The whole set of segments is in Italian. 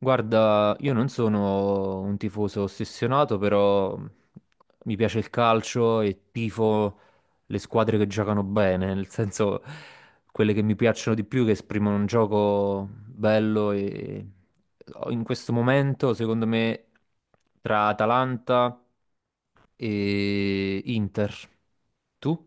Guarda, io non sono un tifoso ossessionato, però mi piace il calcio e tifo le squadre che giocano bene, nel senso quelle che mi piacciono di più, che esprimono un gioco bello e in questo momento, secondo me, tra Atalanta e Inter. Tu?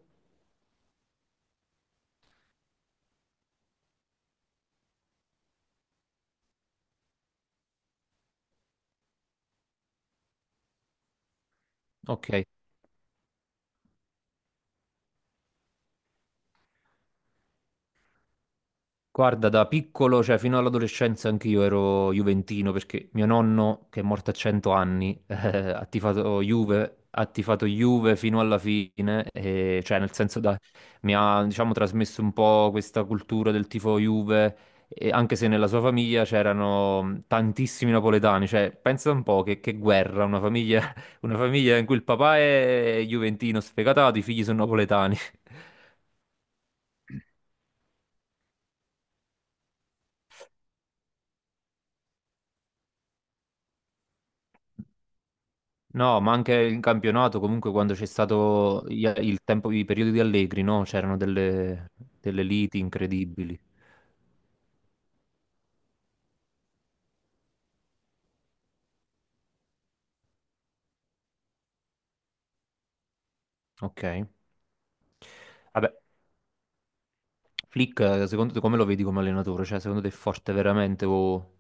Ok. Guarda, da piccolo, cioè fino all'adolescenza, anch'io ero juventino perché mio nonno, che è morto a 100 anni, ha tifato Juve fino alla fine, e, cioè nel senso da, mi ha, diciamo, trasmesso un po' questa cultura del tifo Juve, e anche se nella sua famiglia c'erano tantissimi napoletani, cioè pensa un po' che guerra, una famiglia, una famiglia in cui il papà è juventino sfegatato, i figli sono napoletani. No, ma anche in campionato, comunque quando c'è stato il tempo, i periodi di Allegri, no? C'erano delle liti incredibili. Ok. Vabbè, Flick, secondo te come lo vedi come allenatore? Cioè, secondo te è forte veramente o...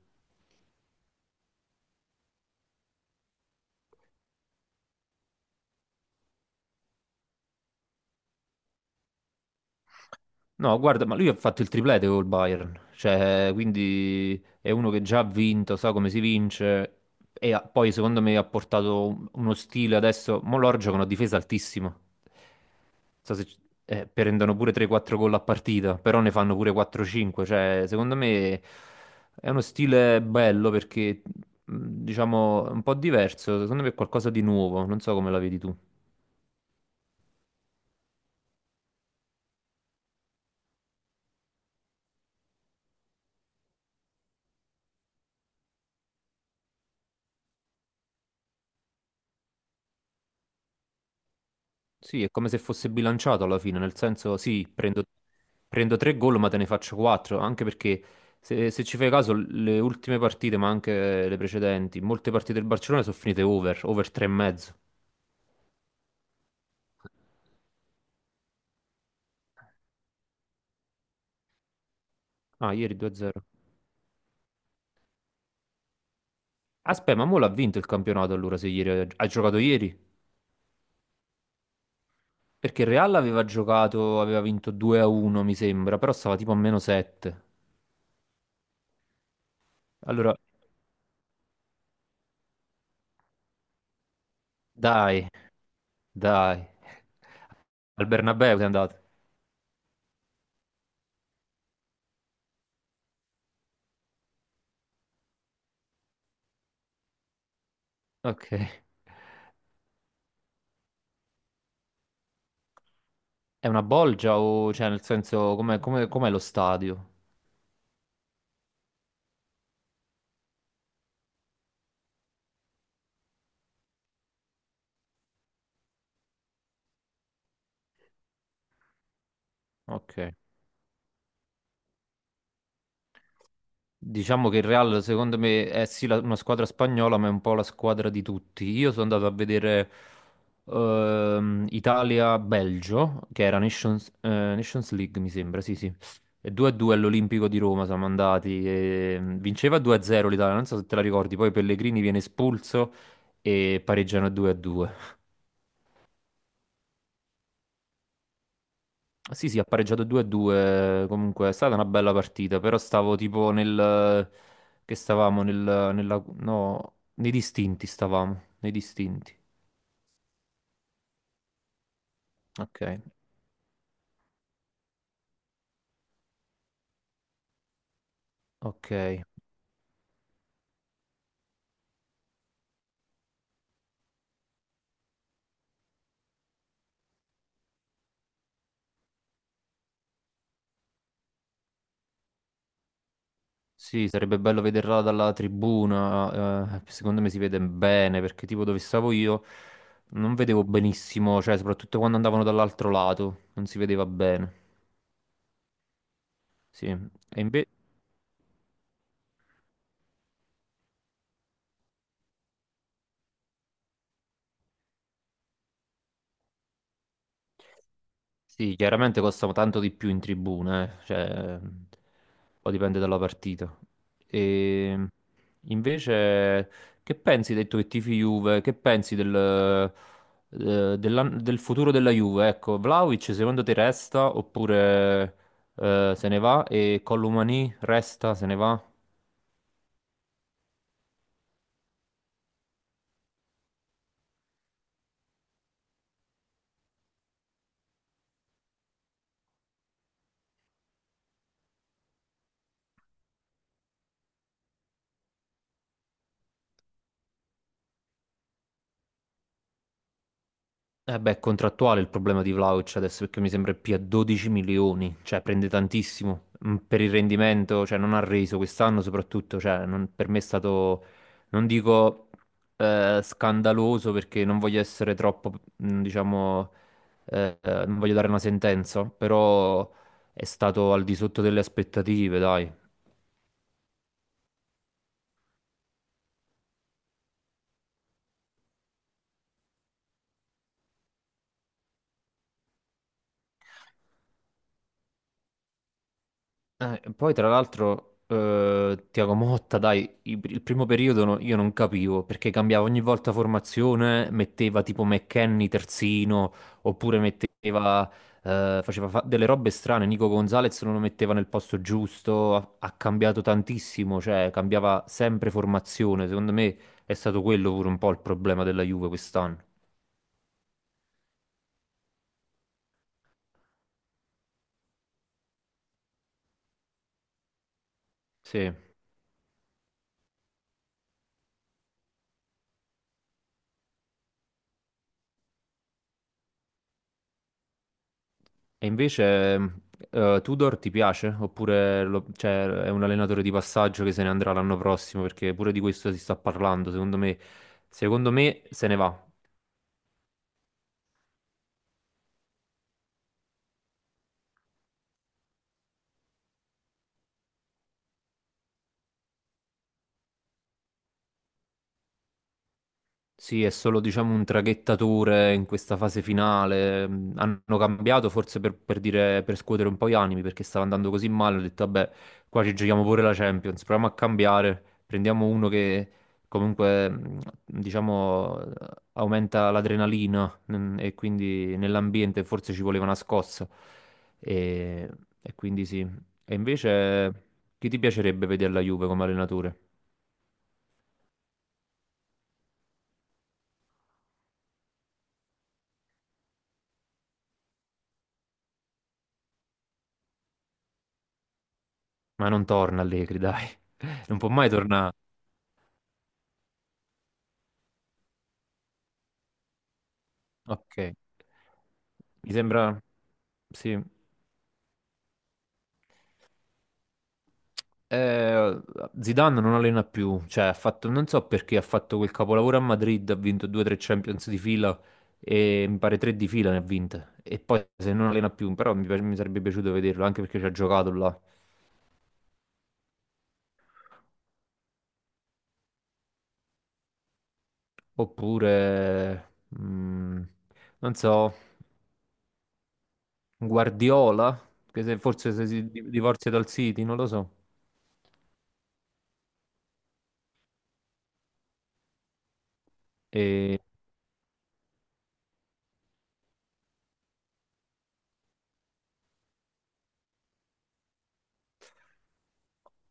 No, guarda, ma lui ha fatto il triplete col Bayern, cioè, quindi è uno che già ha vinto, sa come si vince e poi secondo me ha portato uno stile adesso, mo loro giocano a difesa altissima, so se, prendono pure 3-4 gol a partita, però ne fanno pure 4-5, cioè, secondo me è uno stile bello perché, mh, diciamo, è un po' diverso, secondo me è qualcosa di nuovo, non so come la vedi tu. Sì, è come se fosse bilanciato alla fine, nel senso, sì, prendo tre gol, ma te ne faccio quattro, anche perché se ci fai caso, le ultime partite, ma anche le precedenti, molte partite del Barcellona sono finite over, 3,5. Ah, ieri 2-0. Aspetta, ma mo l'ha vinto il campionato allora, se ieri ha giocato ieri? Perché il Real aveva giocato, aveva vinto 2-1, mi sembra, però stava tipo a meno 7. Allora, dai, dai. Al Bernabeu sei andato. Ok. È una bolgia o, cioè, nel senso, com'è lo stadio? Ok. Diciamo che il Real, secondo me, è sì una squadra spagnola, ma è un po' la squadra di tutti. Io sono andato a vedere Italia-Belgio, che era Nations, Nations League, mi sembra, sì, sì. E 2-2 all'Olimpico di Roma siamo andati. E, vinceva 2-0 l'Italia, non so se te la ricordi, poi Pellegrini viene espulso e pareggiano 2-2. Sì, sì, ha pareggiato 2-2, comunque è stata una bella partita, però stavo tipo che stavamo nel... no, nei distinti stavamo, nei distinti. Ok, ok. Sì, sarebbe bello vederla dalla tribuna, secondo me si vede bene, perché tipo dove stavo io non vedevo benissimo, cioè soprattutto quando andavano dall'altro lato, non si vedeva bene. Sì, e invece. Sì, chiaramente costano tanto di più in tribuna, cioè, poi dipende dalla partita. E invece, che pensi, hai detto che tifi Juve, che pensi del futuro della Juve? Ecco, Vlaovic secondo te resta oppure se ne va? E Colomani resta, se ne va? Eh beh, è contrattuale il problema di Vlahovic adesso perché mi sembra più a 12 milioni, cioè prende tantissimo per il rendimento, cioè non ha reso quest'anno soprattutto, cioè non- per me è stato, non dico scandaloso perché non voglio essere troppo, diciamo, non voglio dare una sentenza, però è stato al di sotto delle aspettative, dai. Poi tra l'altro Tiago Motta, dai, il primo periodo io non capivo perché cambiava ogni volta formazione, metteva tipo McKennie terzino, oppure metteva, delle robe strane, Nico Gonzalez non lo metteva nel posto giusto, ha cambiato tantissimo, cioè cambiava sempre formazione, secondo me è stato quello pure un po' il problema della Juve quest'anno. Sì. E invece, Tudor ti piace? Oppure cioè, è un allenatore di passaggio che se ne andrà l'anno prossimo? Perché pure di questo si sta parlando. Secondo me se ne va. Sì, è solo diciamo un traghettatore in questa fase finale. Hanno cambiato forse per dire, per scuotere un po' gli animi perché stava andando così male. Ho detto, vabbè, qua ci giochiamo pure la Champions. Proviamo a cambiare. Prendiamo uno che comunque, diciamo, aumenta l'adrenalina e quindi nell'ambiente forse ci voleva una scossa. E, e quindi sì. E invece, chi ti piacerebbe vedere la Juve come allenatore? Ma non torna Allegri, dai. Non può mai tornare. Ok. Mi sembra, sì. Eh, Zidane non allena più, cioè ha fatto, non so perché ha fatto quel capolavoro a Madrid, ha vinto 2-3 Champions di fila e mi pare tre di fila ne ha vinte. E poi se non allena più, però mi sarebbe piaciuto vederlo anche perché ci ha giocato là. Oppure, non so, Guardiola, che forse se divorzia dal City, non lo so.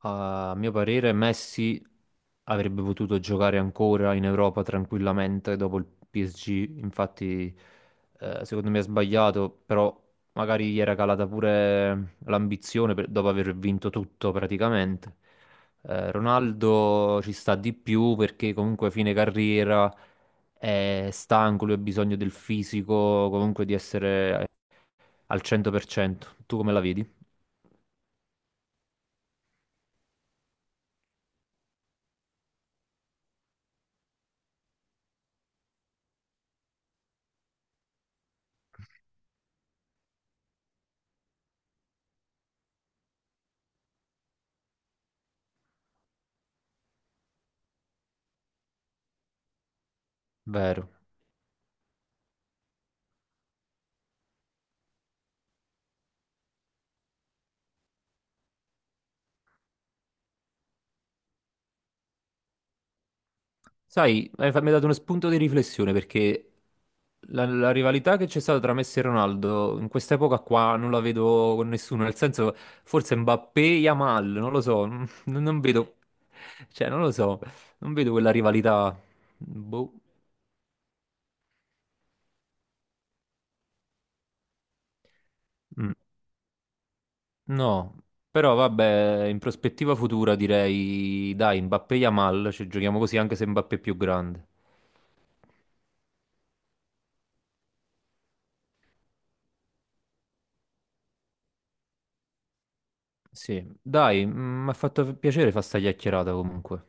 A mio parere, Messi avrebbe potuto giocare ancora in Europa tranquillamente dopo il PSG. Infatti, secondo me ha sbagliato, però magari gli era calata pure l'ambizione dopo aver vinto tutto praticamente. Ronaldo ci sta di più perché comunque a fine carriera è stanco, lui ha bisogno del fisico, comunque di essere al 100%. Tu come la vedi? Vero. Sai, mi hai dato uno spunto di riflessione perché la rivalità che c'è stata tra Messi e Ronaldo in quest'epoca qua non la vedo con nessuno, nel senso forse Mbappé e Yamal, non lo so, non vedo, cioè non lo so, non vedo quella rivalità, boh. Mm. No, però vabbè, in prospettiva futura direi dai, Mbappé e Yamal, ci giochiamo così anche se Mbappé è più grande. Sì, dai, mi ha fatto piacere fare sta chiacchierata comunque.